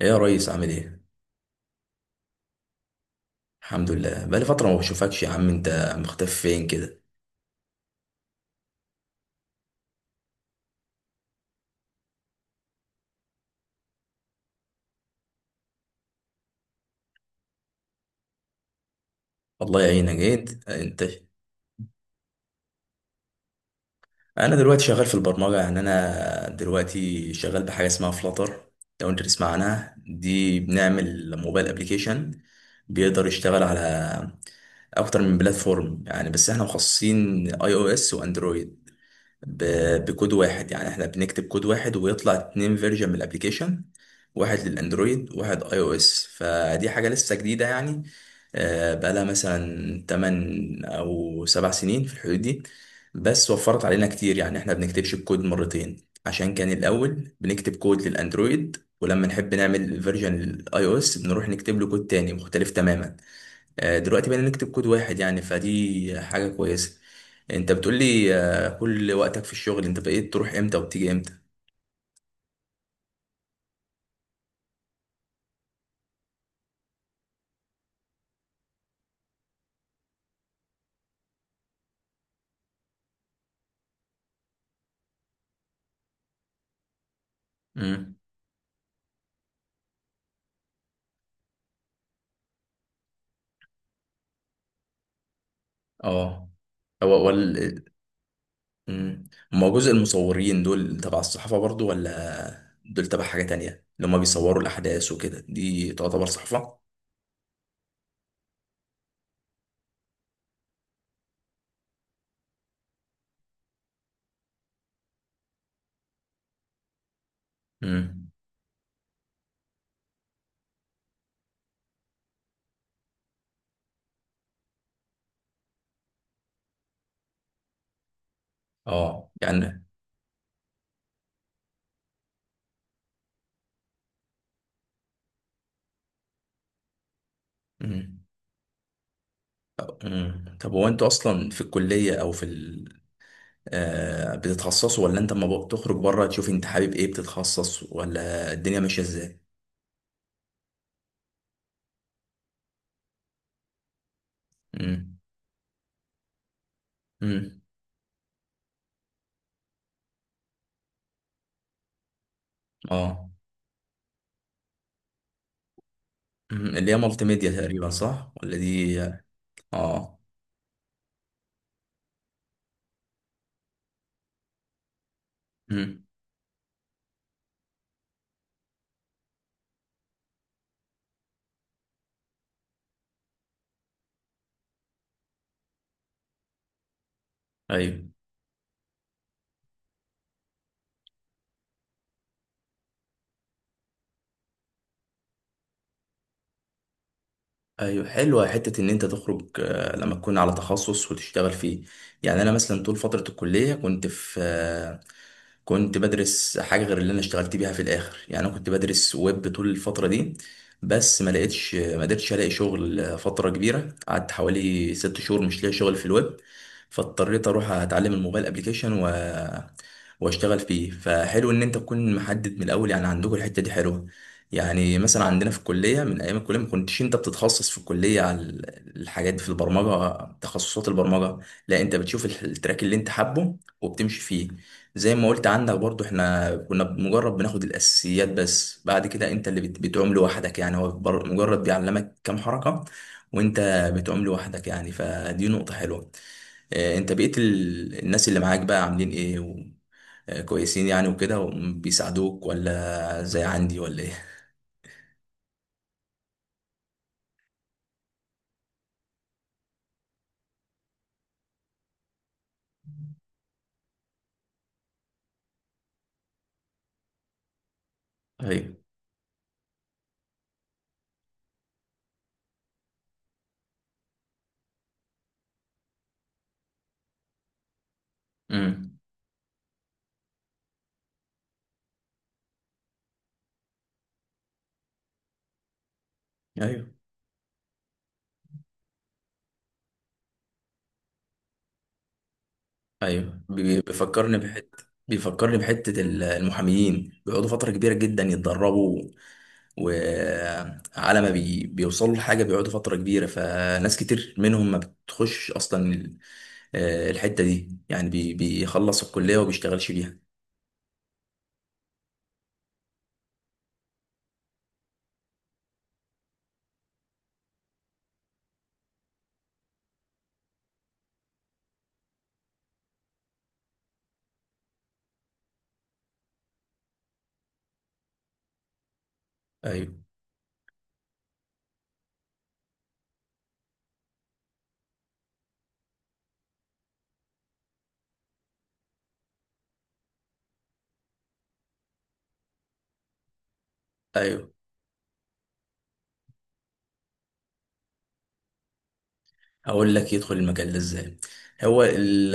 ايه يا ريس عامل ايه؟ الحمد لله، بقالي فترة ما بشوفكش يا عم، انت مختفي فين كده؟ الله يعينك جيت انت. انا دلوقتي شغال في البرمجة، يعني انا دلوقتي شغال بحاجة اسمها فلاتر، لو انت تسمع عنها. دي بنعمل موبايل ابليكيشن بيقدر يشتغل على اكتر من بلاتفورم، يعني بس احنا مخصصين اي او اس واندرويد. بكود واحد، يعني احنا بنكتب كود واحد ويطلع اتنين فيرجن من الابليكيشن، واحد للاندرويد واحد اي او اس. فدي حاجة لسه جديدة يعني، بقالها مثلا 8 او 7 سنين في الحدود دي. بس وفرت علينا كتير، يعني احنا بنكتبش الكود مرتين، عشان كان الاول بنكتب كود للاندرويد، ولما نحب نعمل فيرجن للاي او اس بنروح نكتب له كود تاني مختلف تماما. دلوقتي بقينا نكتب كود واحد، يعني فدي حاجة كويسة. انت بتقولي كل وقتك في الشغل، انت بقيت تروح امتى وبتيجي امتى؟ امم اه. هو وال مم. ما هو جزء المصورين دول تبع الصحافة برضو، ولا دول تبع حاجة تانية؟ اللي هما بيصوروا الأحداث وكده، دي تعتبر صحافة. امم. اه يعني. امم. امم. طب هو انتوا أصلا في الكلية أو في بتتخصصه، ولا انت لما بتخرج بره تشوف انت حابب ايه بتتخصص، ولا الدنيا ماشيه ازاي؟ امم. امم. اه. مم. اللي هي مالتي ميديا تقريبا، صح ولا دي؟ اه. امم. ايوه. ايوه حلوه حته ان انت تخرج لما تكون على تخصص وتشتغل فيه. يعني انا مثلا طول فتره الكليه كنت في كنت بدرس حاجه غير اللي انا اشتغلت بيها في الاخر. يعني انا كنت بدرس ويب طول الفتره دي، بس ما لقيتش، ما قدرتش الاقي شغل فتره كبيره، قعدت حوالي 6 شهور مش لاقي شغل في الويب. فاضطريت اروح اتعلم الموبايل ابليكيشن واشتغل فيه. فحلو ان انت تكون محدد من الاول، يعني عندكم الحته دي حلوه. يعني مثلا عندنا في الكلية من أيام الكلية ما كنتش أنت بتتخصص في الكلية على الحاجات دي في البرمجة، تخصصات البرمجة. لا أنت بتشوف التراك اللي أنت حابه وبتمشي فيه، زي ما قلت. عندك برضو إحنا كنا مجرد بناخد الأساسيات، بس بعد كده أنت اللي بتعوم لوحدك. يعني هو مجرد بيعلمك كام حركة وأنت بتعوم لوحدك، يعني فدي نقطة حلوة. أنت بقيت، الناس اللي معاك بقى عاملين إيه؟ كويسين يعني وكده، وبيساعدوك ولا زي عندي، ولا إيه؟ ايوه. امم. ايوه. ايوه، بيفكرني بحته المحاميين بيقعدوا فتره كبيره جدا يتدربوا، وعلى ما بيوصلوا لحاجه بيقعدوا فتره كبيره. فناس كتير منهم ما بتخش اصلا الحته دي، يعني بيخلص الكليه وبيشتغلش بيها. ايوه. ايوه، هقول لك يدخل المجال ده ازاي. هو ال-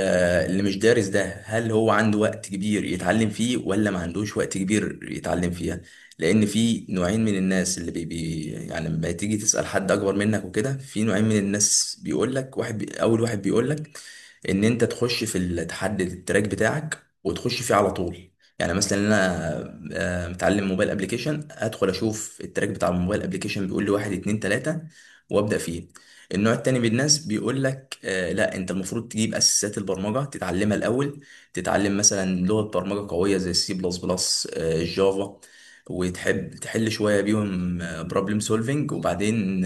اللي مش دارس ده، هل هو عنده وقت كبير يتعلم فيه، ولا ما عندوش وقت كبير يتعلم فيها؟ لان في نوعين من الناس، اللي بي يعني لما تيجي تسأل حد اكبر منك وكده في نوعين من الناس بيقول لك. واحد، اول واحد بيقول لك ان انت تخش في تحدد التراك بتاعك وتخش فيه على طول. يعني مثلا انا متعلم موبايل ابلكيشن، ادخل اشوف التراك بتاع الموبايل ابلكيشن بيقول لي واحد اتنين تلاتة وابدا فيه. النوع التاني من الناس بيقول لك لا، انت المفروض تجيب اساسات البرمجه تتعلمها الاول. تتعلم مثلا لغه برمجه قويه زي السي بلس بلس، الجافا، وتحب تحل شويه بيهم بروبلم سولفنج. وبعدين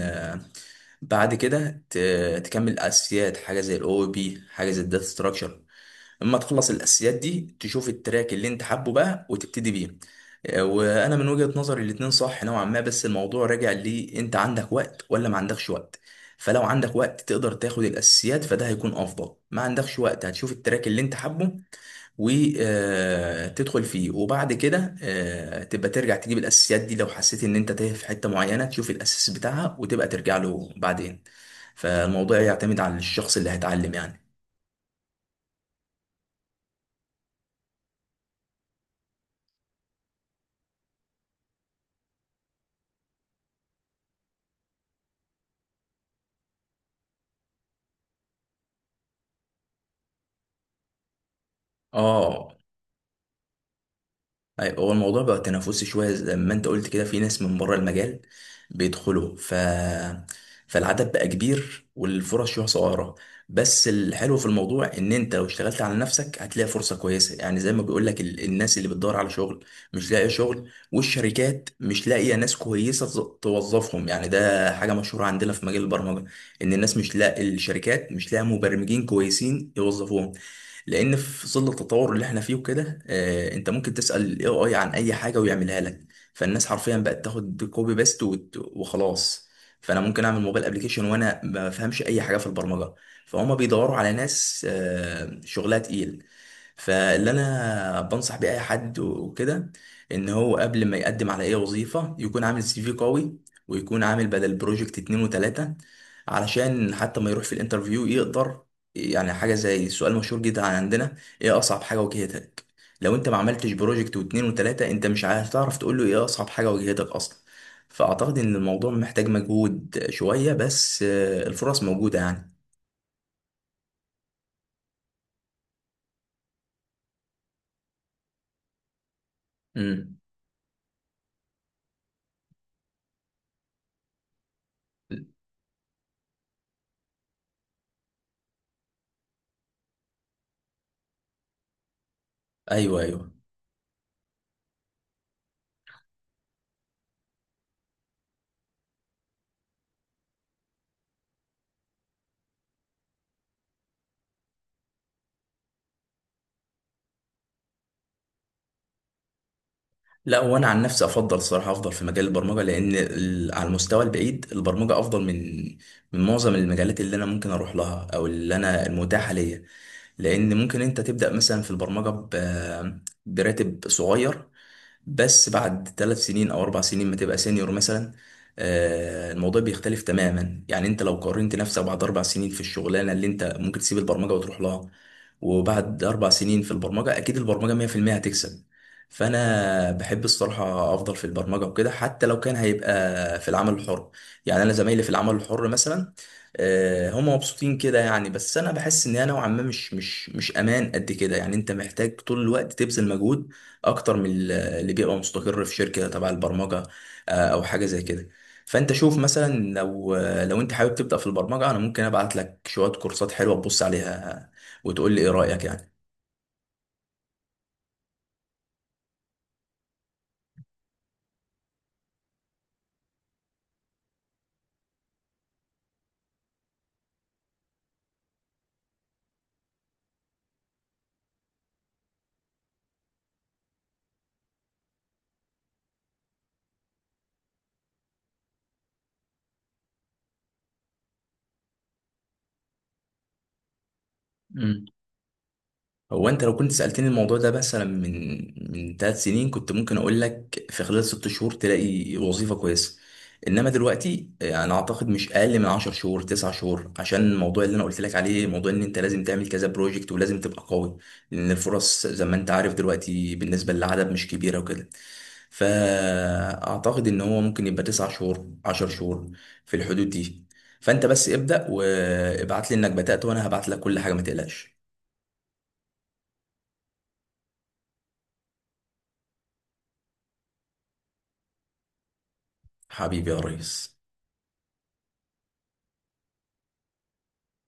بعد كده تكمل الاساسيات، حاجه زي الاو بي، حاجه زي الداتا ستراكشر. اما تخلص الاساسيات دي تشوف التراك اللي انت حابه بقى وتبتدي بيه. وانا من وجهة نظري الاتنين صح نوعا ما، بس الموضوع راجع لي انت عندك وقت ولا ما عندكش وقت. فلو عندك وقت تقدر تاخد الاساسيات فده هيكون افضل. ما عندكش وقت، هتشوف التراك اللي انت حابه وتدخل فيه، وبعد كده تبقى ترجع تجيب الاساسيات دي لو حسيت ان انت تايه في حته معينه، تشوف الاساس بتاعها وتبقى ترجع له بعدين. فالموضوع يعتمد على الشخص اللي هيتعلم يعني. اه. أيوة، هو الموضوع بقى تنافسي شوية زي ما انت قلت كده، في ناس من بره المجال بيدخلوا فالعدد بقى كبير والفرص شوية صغيرة. بس الحلو في الموضوع ان انت لو اشتغلت على نفسك هتلاقي فرصة كويسة، يعني زي ما بيقول لك، الناس اللي بتدور على شغل مش لاقية شغل، والشركات مش لاقية ناس كويسة توظفهم. يعني ده حاجة مشهورة عندنا في مجال البرمجة، ان الناس مش لاقي الشركات مش لاقية مبرمجين كويسين يوظفوهم. لان في ظل التطور اللي احنا فيه وكده، انت ممكن تسال الاي اي عن اي حاجه ويعملها لك. فالناس حرفيا بقت تاخد كوبي بيست وخلاص. فانا ممكن اعمل موبايل ابلكيشن وانا ما بفهمش اي حاجه في البرمجه. فهم بيدوروا على ناس شغلها تقيل. فاللي انا بنصح بيه اي حد وكده، ان هو قبل ما يقدم على اي وظيفه يكون عامل سي في قوي، ويكون عامل بدل بروجكت 2 و3، علشان حتى ما يروح في الانترفيو يقدر. يعني حاجة زي سؤال مشهور جدا عندنا، ايه أصعب حاجة واجهتك؟ لو انت ما عملتش بروجكت و2 و3، انت مش هتعرف تقول له ايه أصعب حاجة واجهتك أصلا. فأعتقد إن الموضوع محتاج مجهود شوية، بس الفرص موجودة يعني. امم. ايوه. ايوه. لا، وانا عن نفسي افضل الصراحه افضل في مجال البرمجه، لان على المستوى البعيد البرمجه افضل من معظم المجالات اللي انا ممكن اروح لها، او اللي انا المتاحه ليا. لان ممكن انت تبدا مثلا في البرمجه براتب صغير، بس بعد 3 سنين او 4 سنين ما تبقى سينيور مثلا، الموضوع بيختلف تماما. يعني انت لو قارنت نفسك بعد 4 سنين في الشغلانه اللي انت ممكن تسيب البرمجه وتروح لها، وبعد 4 سنين في البرمجه، اكيد البرمجه 100% هتكسب. فانا بحب، الصراحه، افضل في البرمجه وكده حتى لو كان هيبقى في العمل الحر. يعني انا زمايلي في العمل الحر مثلا، هم مبسوطين كده يعني، بس انا بحس ان انا نوعا ما مش امان قد كده. يعني انت محتاج طول الوقت تبذل مجهود اكتر من اللي بيبقى مستقر في شركة تبع البرمجة، او حاجة زي كده. فانت شوف مثلا، لو لو انت حابب تبدأ في البرمجة انا ممكن ابعت لك شوية كورسات حلوة تبص عليها وتقول لي ايه رأيك. يعني هو انت لو كنت سألتني الموضوع ده مثلا من 3 سنين كنت ممكن اقول لك في خلال 6 شهور تلاقي وظيفة كويسة. انما دلوقتي، انا اعتقد مش اقل من 10 شهور، 9 شهور، عشان الموضوع اللي انا قلت لك عليه، موضوع ان انت لازم تعمل كذا بروجكت ولازم تبقى قوي. لان الفرص زي ما انت عارف دلوقتي بالنسبة للعدد مش كبيرة وكده. فاعتقد ان هو ممكن يبقى 9 شهور، 10 شهور، في الحدود دي. فانت بس ابدأ وابعت لي انك بدأت وانا هبعت لك كل حاجة، ما تقلقش. حبيبي يا ريس.